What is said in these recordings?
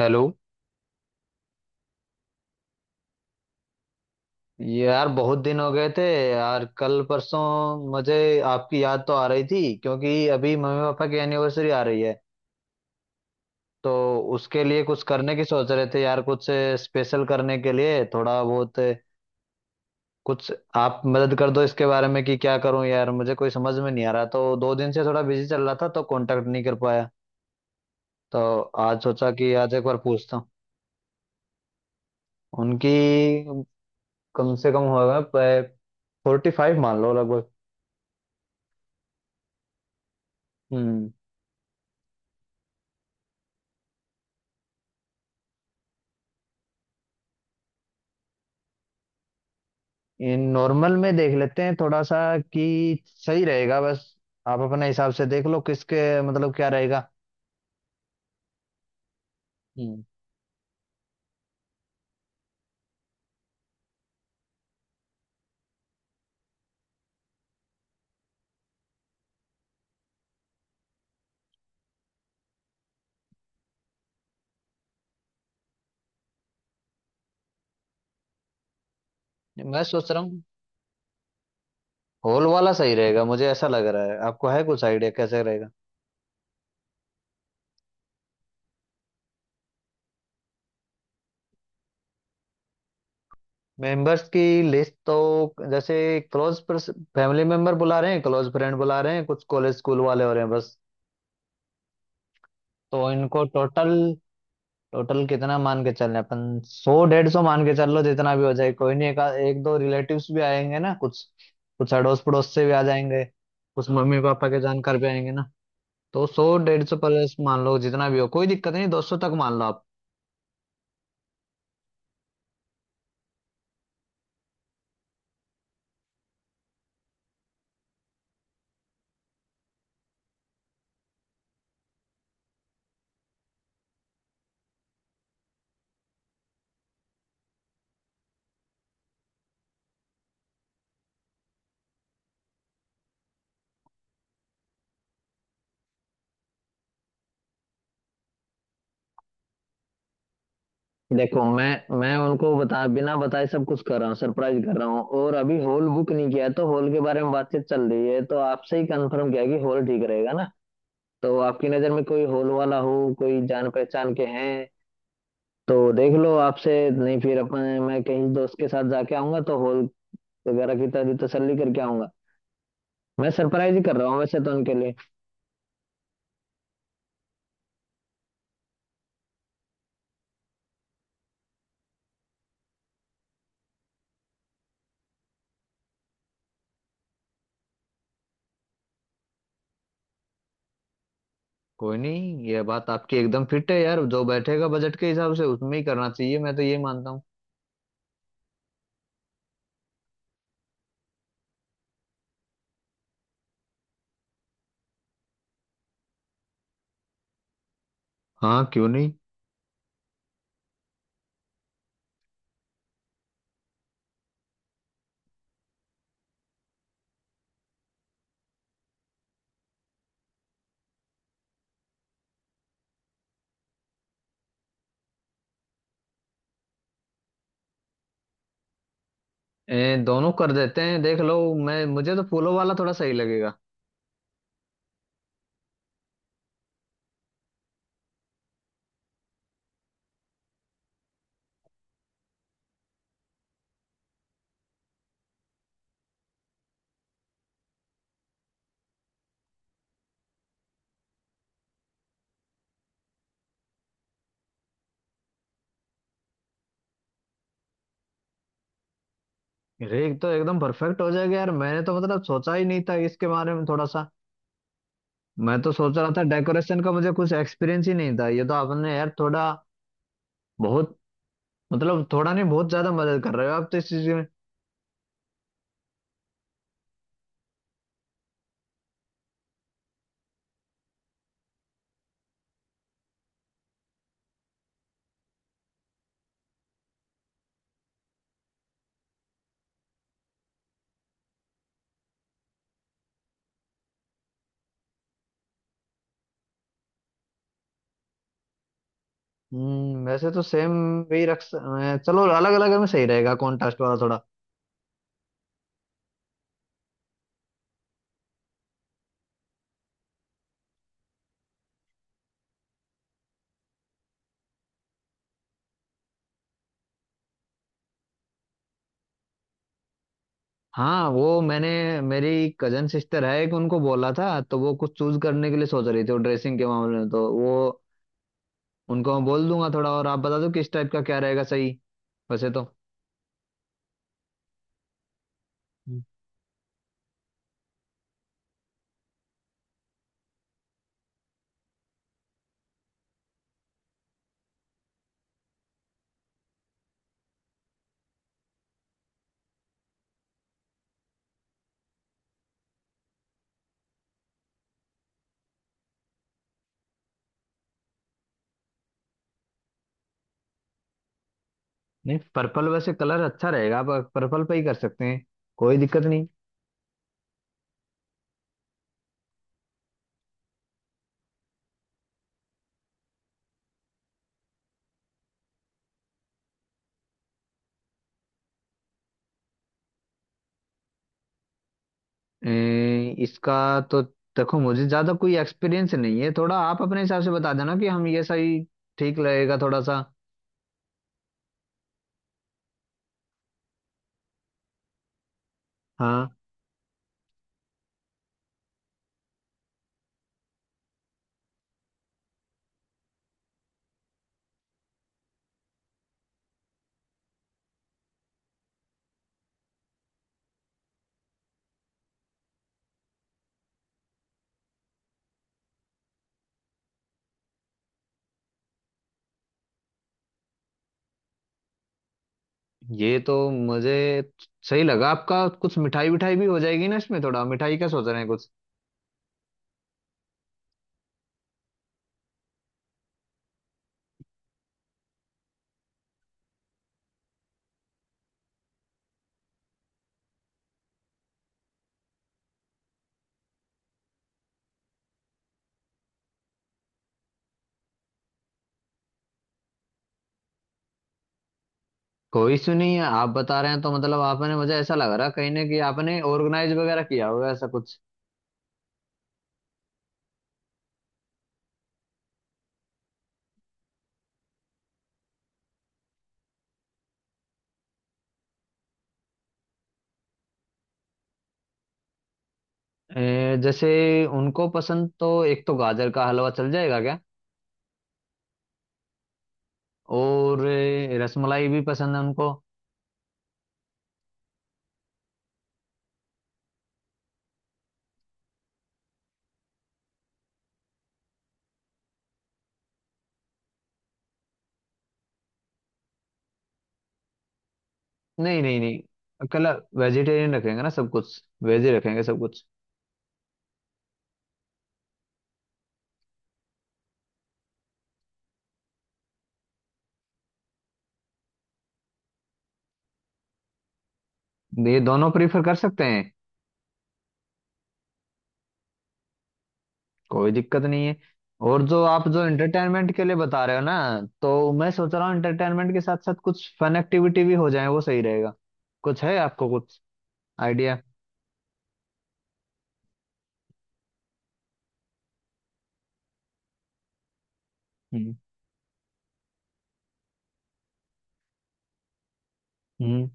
Hello. ये यार बहुत दिन हो गए थे। यार कल परसों मुझे आपकी याद तो आ रही थी क्योंकि अभी मम्मी पापा की एनिवर्सरी आ रही है। तो उसके लिए कुछ करने की सोच रहे थे यार, कुछ स्पेशल करने के लिए थोड़ा बहुत कुछ आप मदद कर दो इसके बारे में कि क्या करूं यार, मुझे कोई समझ में नहीं आ रहा। तो 2 दिन से थोड़ा बिजी चल रहा था तो कांटेक्ट नहीं कर पाया। तो आज सोचा कि आज एक बार पूछता हूँ। उनकी कम से कम होगा 45 मान लो लगभग। हम्म। ये नॉर्मल में देख लेते हैं थोड़ा सा कि सही रहेगा बस। आप अपने हिसाब से देख लो, किसके मतलब क्या रहेगा। हम्म। मैं सोच रहा हूँ हॉल वाला सही रहेगा, मुझे ऐसा लग रहा है। आपको है कुछ आइडिया, कैसे रहेगा? मेंबर्स की लिस्ट तो जैसे क्लोज फैमिली मेंबर बुला रहे हैं, क्लोज फ्रेंड बुला रहे हैं, कुछ कॉलेज स्कूल वाले हो रहे हैं बस। तो इनको टोटल टोटल कितना मान के चल रहे हैं? अपन 100-150 मान के चल लो, जितना भी हो जाए कोई नहीं। एक दो रिलेटिव्स भी आएंगे ना। कुछ कुछ अड़ोस पड़ोस से भी आ जाएंगे। कुछ मम्मी पापा के जानकार भी आएंगे ना। तो 100-150 प्लस मान लो, जितना भी हो कोई दिक्कत नहीं। 200 तक मान लो आप। देखो, मैं उनको बता बिना बताए सब कुछ कर रहा हूँ, सरप्राइज कर रहा हूँ। और अभी हॉल बुक नहीं किया है तो हॉल के बारे में बातचीत चल रही है। तो आपसे ही कंफर्म किया कि हॉल ठीक रहेगा ना। तो आपकी नज़र में कोई हॉल वाला हो, कोई जान पहचान के हैं तो देख लो आपसे, नहीं फिर अपन, मैं कहीं दोस्त के साथ जाके आऊंगा तो हॉल वगैरह की तभी तसल्ली करके आऊंगा। मैं सरप्राइज ही कर रहा हूँ वैसे तो उनके लिए। कोई नहीं, ये बात आपकी एकदम फिट है यार। जो बैठेगा बजट के हिसाब से उसमें ही करना चाहिए, मैं तो ये मानता हूँ। हाँ, क्यों नहीं। दोनों कर देते हैं, देख लो। मैं मुझे तो फूलों वाला थोड़ा सही लगेगा। अरे एक तो एकदम परफेक्ट हो जाएगा यार। मैंने तो मतलब सोचा ही नहीं था इसके बारे में थोड़ा सा। मैं तो सोच रहा था डेकोरेशन का मुझे कुछ एक्सपीरियंस ही नहीं था। ये तो आपने यार थोड़ा बहुत, मतलब थोड़ा नहीं बहुत ज्यादा मदद कर रहे हो आप तो इस चीज में। हम्म। वैसे तो सेम वही रख चलो, अलग अलग में सही रहेगा, कॉन्ट्रास्ट वाला थोड़ा। हाँ वो मैंने, मेरी कजन सिस्टर है एक, उनको बोला था तो वो कुछ चूज करने के लिए सोच रही थी वो ड्रेसिंग के मामले में। तो वो उनको मैं बोल दूंगा, थोड़ा और आप बता दो किस टाइप का क्या रहेगा सही। वैसे तो हम्म। नहीं, पर्पल वैसे कलर अच्छा रहेगा, आप पर्पल पे ही कर सकते हैं, कोई दिक्कत नहीं। इसका तो देखो मुझे ज्यादा कोई एक्सपीरियंस नहीं है, थोड़ा आप अपने हिसाब से बता देना कि हम ये सही ठीक लगेगा थोड़ा सा। हाँ, ये तो मुझे सही लगा आपका। कुछ मिठाई विठाई भी हो जाएगी ना इसमें, थोड़ा मिठाई का सोच रहे हैं कुछ। कोई इशू नहीं है, आप बता रहे हैं तो मतलब, आपने, मुझे ऐसा लग रहा कहीं ना कहीं आपने ऑर्गेनाइज वगैरह किया होगा ऐसा कुछ। जैसे उनको पसंद तो, एक तो गाजर का हलवा चल जाएगा क्या? और रसमलाई भी पसंद है उनको। नहीं नहीं नहीं, कल वेजिटेरियन रखेंगे ना, सब कुछ वेज ही रखेंगे सब कुछ। ये दोनों प्रीफर कर सकते हैं, कोई दिक्कत नहीं है। और जो आप जो एंटरटेनमेंट के लिए बता रहे हो ना, तो मैं सोच रहा हूँ एंटरटेनमेंट के साथ साथ कुछ फन एक्टिविटी भी हो जाए वो सही रहेगा। कुछ है आपको कुछ आइडिया? हम्म। हम्म।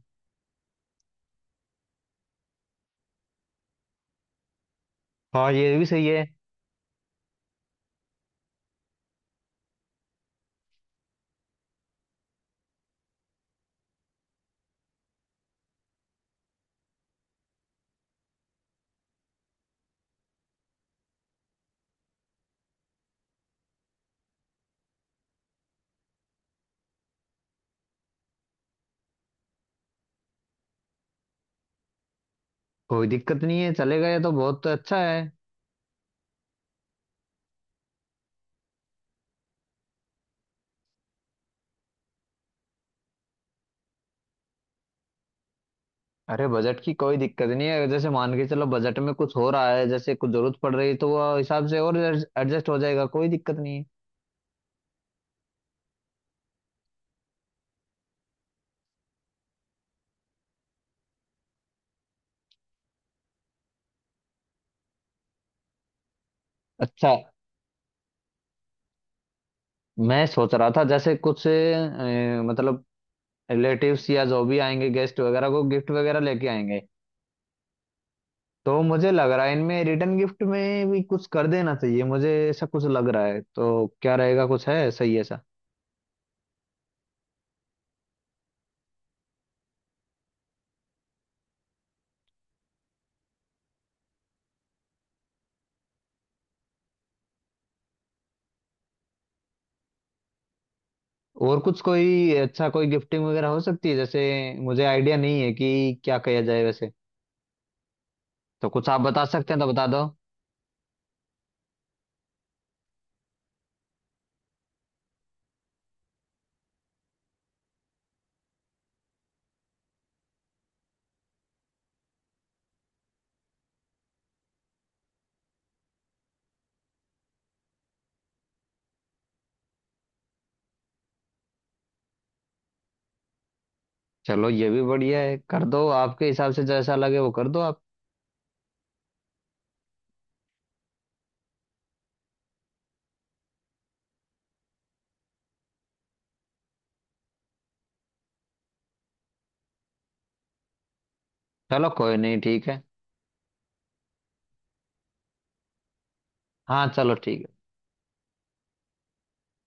हाँ, ये भी सही है। कोई दिक्कत नहीं है, चलेगा, ये तो बहुत अच्छा है। अरे बजट की कोई दिक्कत नहीं है, जैसे मान के चलो बजट में कुछ हो रहा है, जैसे कुछ जरूरत पड़ रही है तो वो हिसाब से और एडजस्ट हो जाएगा, कोई दिक्कत नहीं है। अच्छा, मैं सोच रहा था जैसे कुछ मतलब रिलेटिव्स या जो भी आएंगे गेस्ट वगैरह को गिफ्ट वगैरह लेके आएंगे, तो मुझे लग रहा है इनमें रिटर्न गिफ्ट में भी कुछ कर देना चाहिए। मुझे ऐसा कुछ लग रहा है, तो क्या रहेगा, कुछ है सही ऐसा? और कुछ कोई अच्छा कोई गिफ्टिंग वगैरह हो सकती है जैसे, मुझे आइडिया नहीं है कि क्या किया जाए वैसे, तो कुछ आप बता सकते हैं तो बता दो। चलो ये भी बढ़िया है, कर दो आपके हिसाब से जैसा लगे वो कर दो आप। चलो कोई नहीं, ठीक है। हाँ चलो, ठीक।